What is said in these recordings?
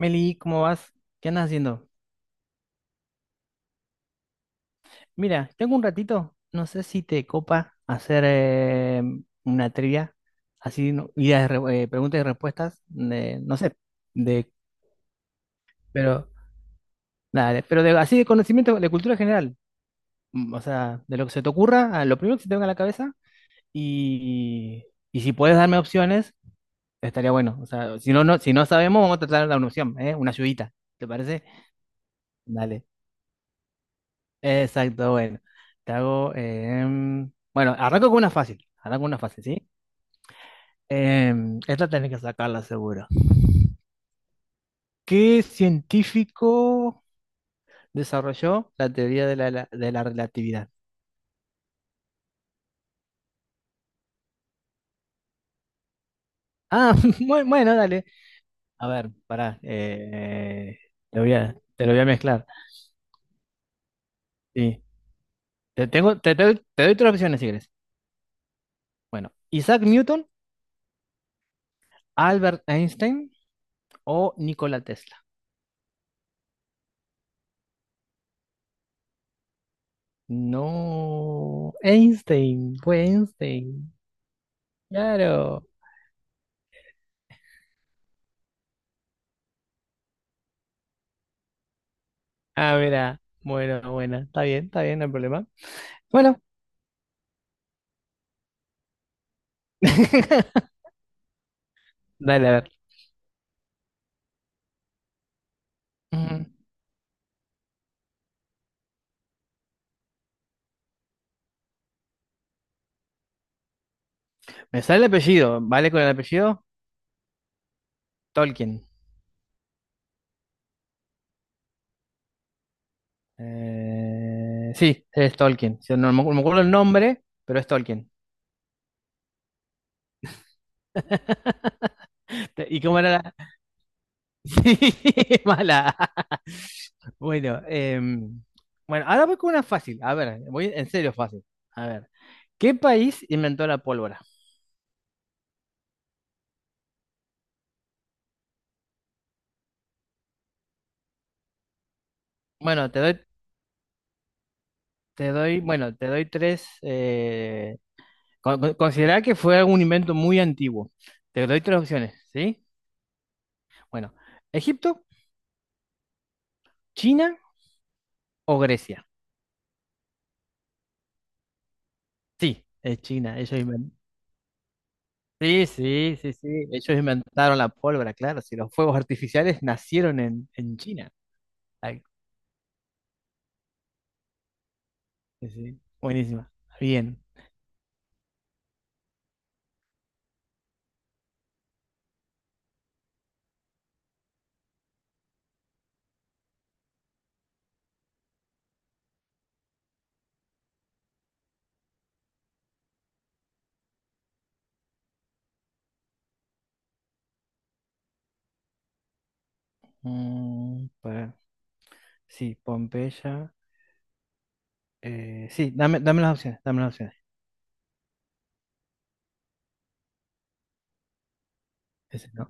Meli, ¿cómo vas? ¿Qué andas haciendo? Mira, tengo un ratito, no sé si te copa hacer una trivia, así, guía de preguntas y respuestas, no sé, de, pero, dale, pero de, así de conocimiento, de cultura general, o sea, de lo que se te ocurra, a lo primero que se te venga a la cabeza, y, y si puedes darme opciones, estaría bueno, o sea, si no, no, si no sabemos, vamos a tratar de dar una opción, ¿eh? Una ayudita, ¿te parece? Dale. Exacto, bueno. Bueno, arranco con una fácil. Arranco con una fácil, ¿sí? Esta tenés que sacarla seguro. ¿Qué científico desarrolló la teoría de de la relatividad? Ah, bueno, dale. A ver, pará. Te lo voy a mezclar. Sí. Te tengo, te doy tres opciones si quieres. Bueno, Isaac Newton, Albert Einstein o Nikola Tesla. No, Einstein, fue Einstein. Claro. Ah, mira. Bueno, buena, está bien, está bien, no hay problema. Bueno. Dale, a ver. Ujú. Me sale el apellido. ¿Vale con el apellido? Tolkien. Sí, es Tolkien. Sí, no, me no me acuerdo el nombre, pero es Tolkien. Te- ¿Y cómo era la...? Sí, mala. Bueno, bueno, ahora voy con una fácil. A ver, voy en serio fácil. A ver, ¿qué país inventó la pólvora? Bueno, te doy, bueno, te doy tres, considerar que fue un invento muy antiguo. Te doy tres opciones, ¿sí? Bueno, Egipto, China o Grecia. Sí, es China. Ellos inventaron. Sí, sí, sí, sí. Ellos inventaron la pólvora, claro. Si los fuegos artificiales nacieron en China. Ay, sí, sí. Buenísima. Bien. Mm, pa- sí, Pompeya. Sí, dame, dame las opciones, dame las opciones. Ese, ¿no?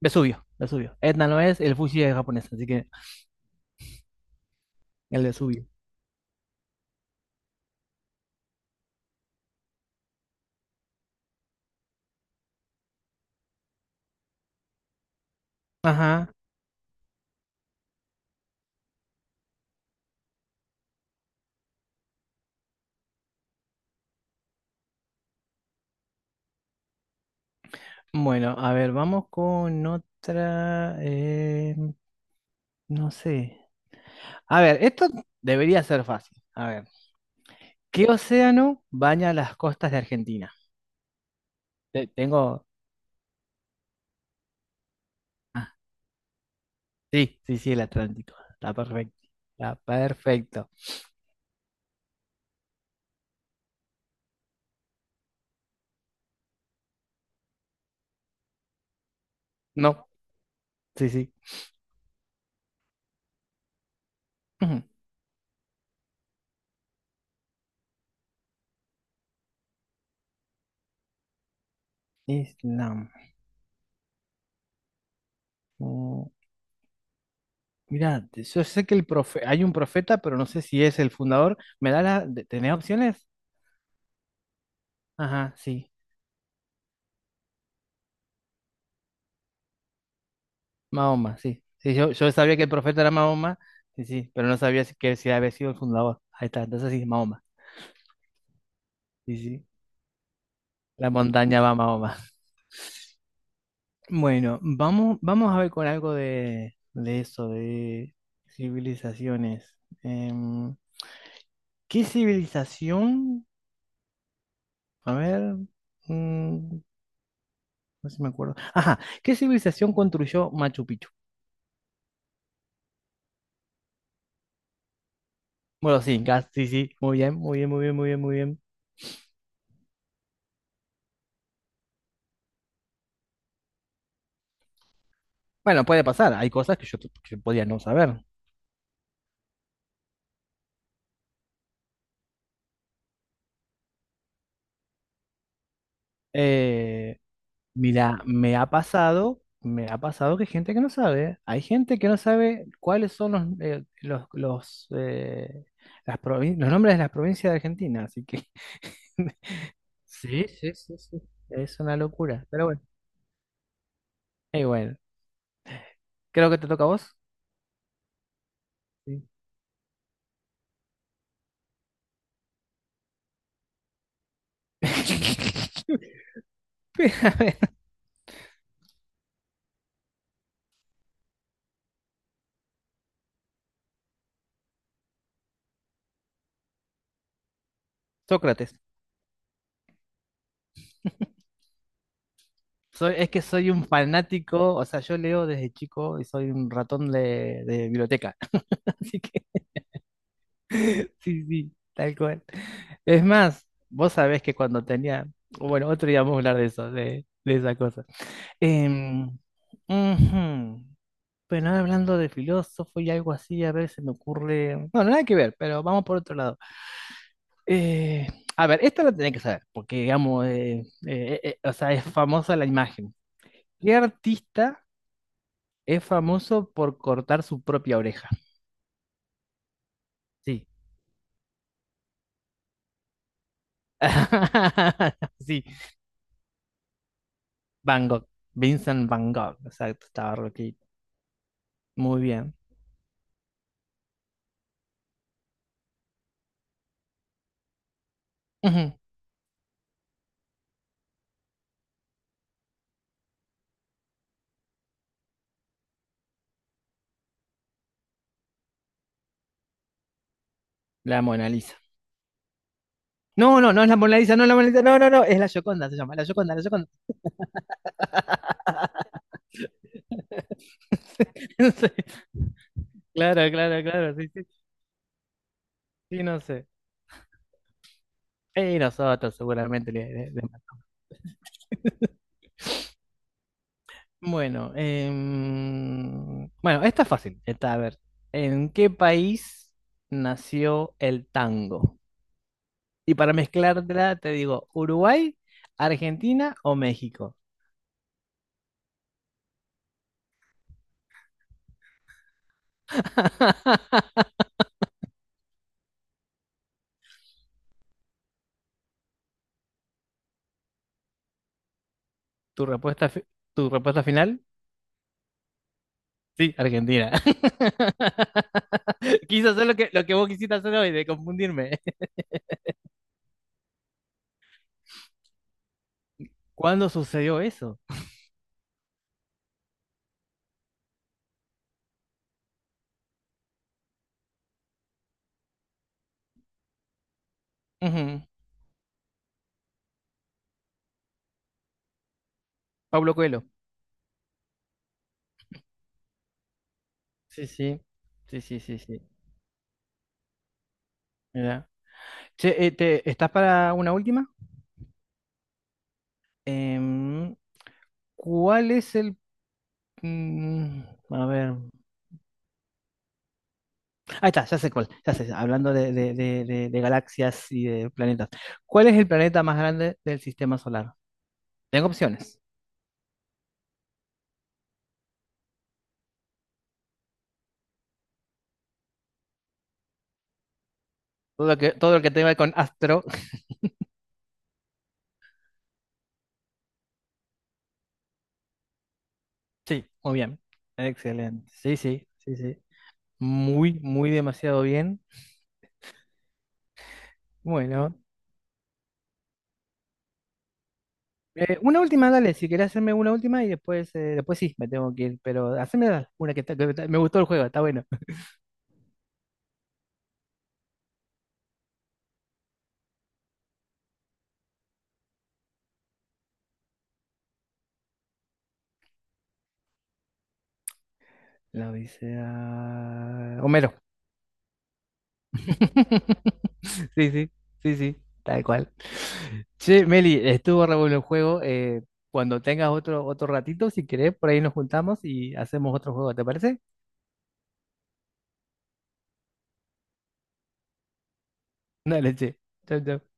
Vesubio, Vesubio. Etna no es, el Fuji es japonés, así que el Vesubio. Ajá. Bueno, a ver, vamos con otra. No sé. A ver, esto debería ser fácil. A ver, ¿qué océano baña las costas de Argentina? Te- tengo. Ah, sí, sí, sí, el Atlántico. Está perfecto. Está perfecto. No, sí, sí. Ujú. Islam. Mm, mirá, te- yo sé que el profe... hay un profeta, pero no sé si es el fundador. ¿Me da la... de- ¿Tenés opciones? Ajá, sí. Mahoma, sí. Sí, yo sabía que el profeta era Mahoma, sí, sí, pero no sabía que si había sido el fundador. Ahí está, entonces sí, Mahoma. Sí, sí. La montaña va a Mahoma. Bueno, vamos, vamos a ver con algo de eso, de civilizaciones. Em, ¿Qué civilización? A ver, mm, no sé si me acuerdo. Ajá, ¿qué civilización construyó Machu Picchu? Bueno, sí, sí, sí, muy bien, muy bien, muy bien, muy bien, muy bien. Bueno, puede pasar, hay cosas que yo, que podía no saber. Eh, Mira, me ha pasado que hay gente que no sabe, hay gente que no sabe cuáles son los, los nombres de las provincias de Argentina, así que Sí, sí, sí, sí. Es una locura, pero bueno, bueno, creo que te toca a vos. Sí. A ver, Sócrates, soy, es que soy un fanático, o sea, yo leo desde chico y soy un ratón de biblioteca, así que sí, sí, tal cual. Es más, vos sabés que cuando tenía, bueno, otro día vamos a hablar de eso, de esa cosa. Em, ujú. Pero ahora hablando de filósofo y algo así, a ver, se me ocurre. No, nada que ver, pero vamos por otro lado. Eh, a ver, esto lo tenés que saber, porque digamos, o sea, es famosa la imagen. ¿Qué artista es famoso por cortar su propia oreja? Sí. Sí. Van Gogh, Vincent Van Gogh, exacto, estaba loquito. Muy bien. Ujú, la Mona Lisa. No, no, no es la Mona Lisa, no es la Mona Lisa, no, no, no, es la Gioconda, se llama, la Gioconda, la Gioconda. No sé. Claro, claro, claro, sí, sí, sí, no sé. Y nosotros seguramente le, bueno, bueno, esta es fácil. Esta, a ver, ¿en qué país nació el tango? Y para mezclarla te digo, ¿Uruguay, Argentina o México? ¿Tu respuesta, tu respuesta final? Sí, Argentina. Quise hacer lo que vos quisiste hacer hoy, de confundirme. ¿Cuándo sucedió eso? Ujú, Pablo Coelho. Sí, sí. Sí, sí, sí, sí. Mirá. Che, ¿estás para una última? Em, ¿Cuál es el... mm, a ver. Ahí está, ya sé cuál. Ya sé, hablando de, de galaxias y de planetas. ¿Cuál es el planeta más grande del sistema solar? Tengo opciones. Todo lo que tenga con sí, muy bien. Excelente. Sí, sí, sí, sí. Muy, muy demasiado bien. Bueno, una última, dale, si querés hacerme una última y después, después sí, me tengo que ir, pero haceme una que, que me gustó el juego, está bueno. La Odisea... Homero. Sí, sí, sí, sí, tal cual. Che, Meli, estuvo re bueno el juego. Cuando tengas otro, otro ratito, si querés, por ahí nos juntamos y hacemos otro juego, ¿te parece? Dale, che. Chau, chau.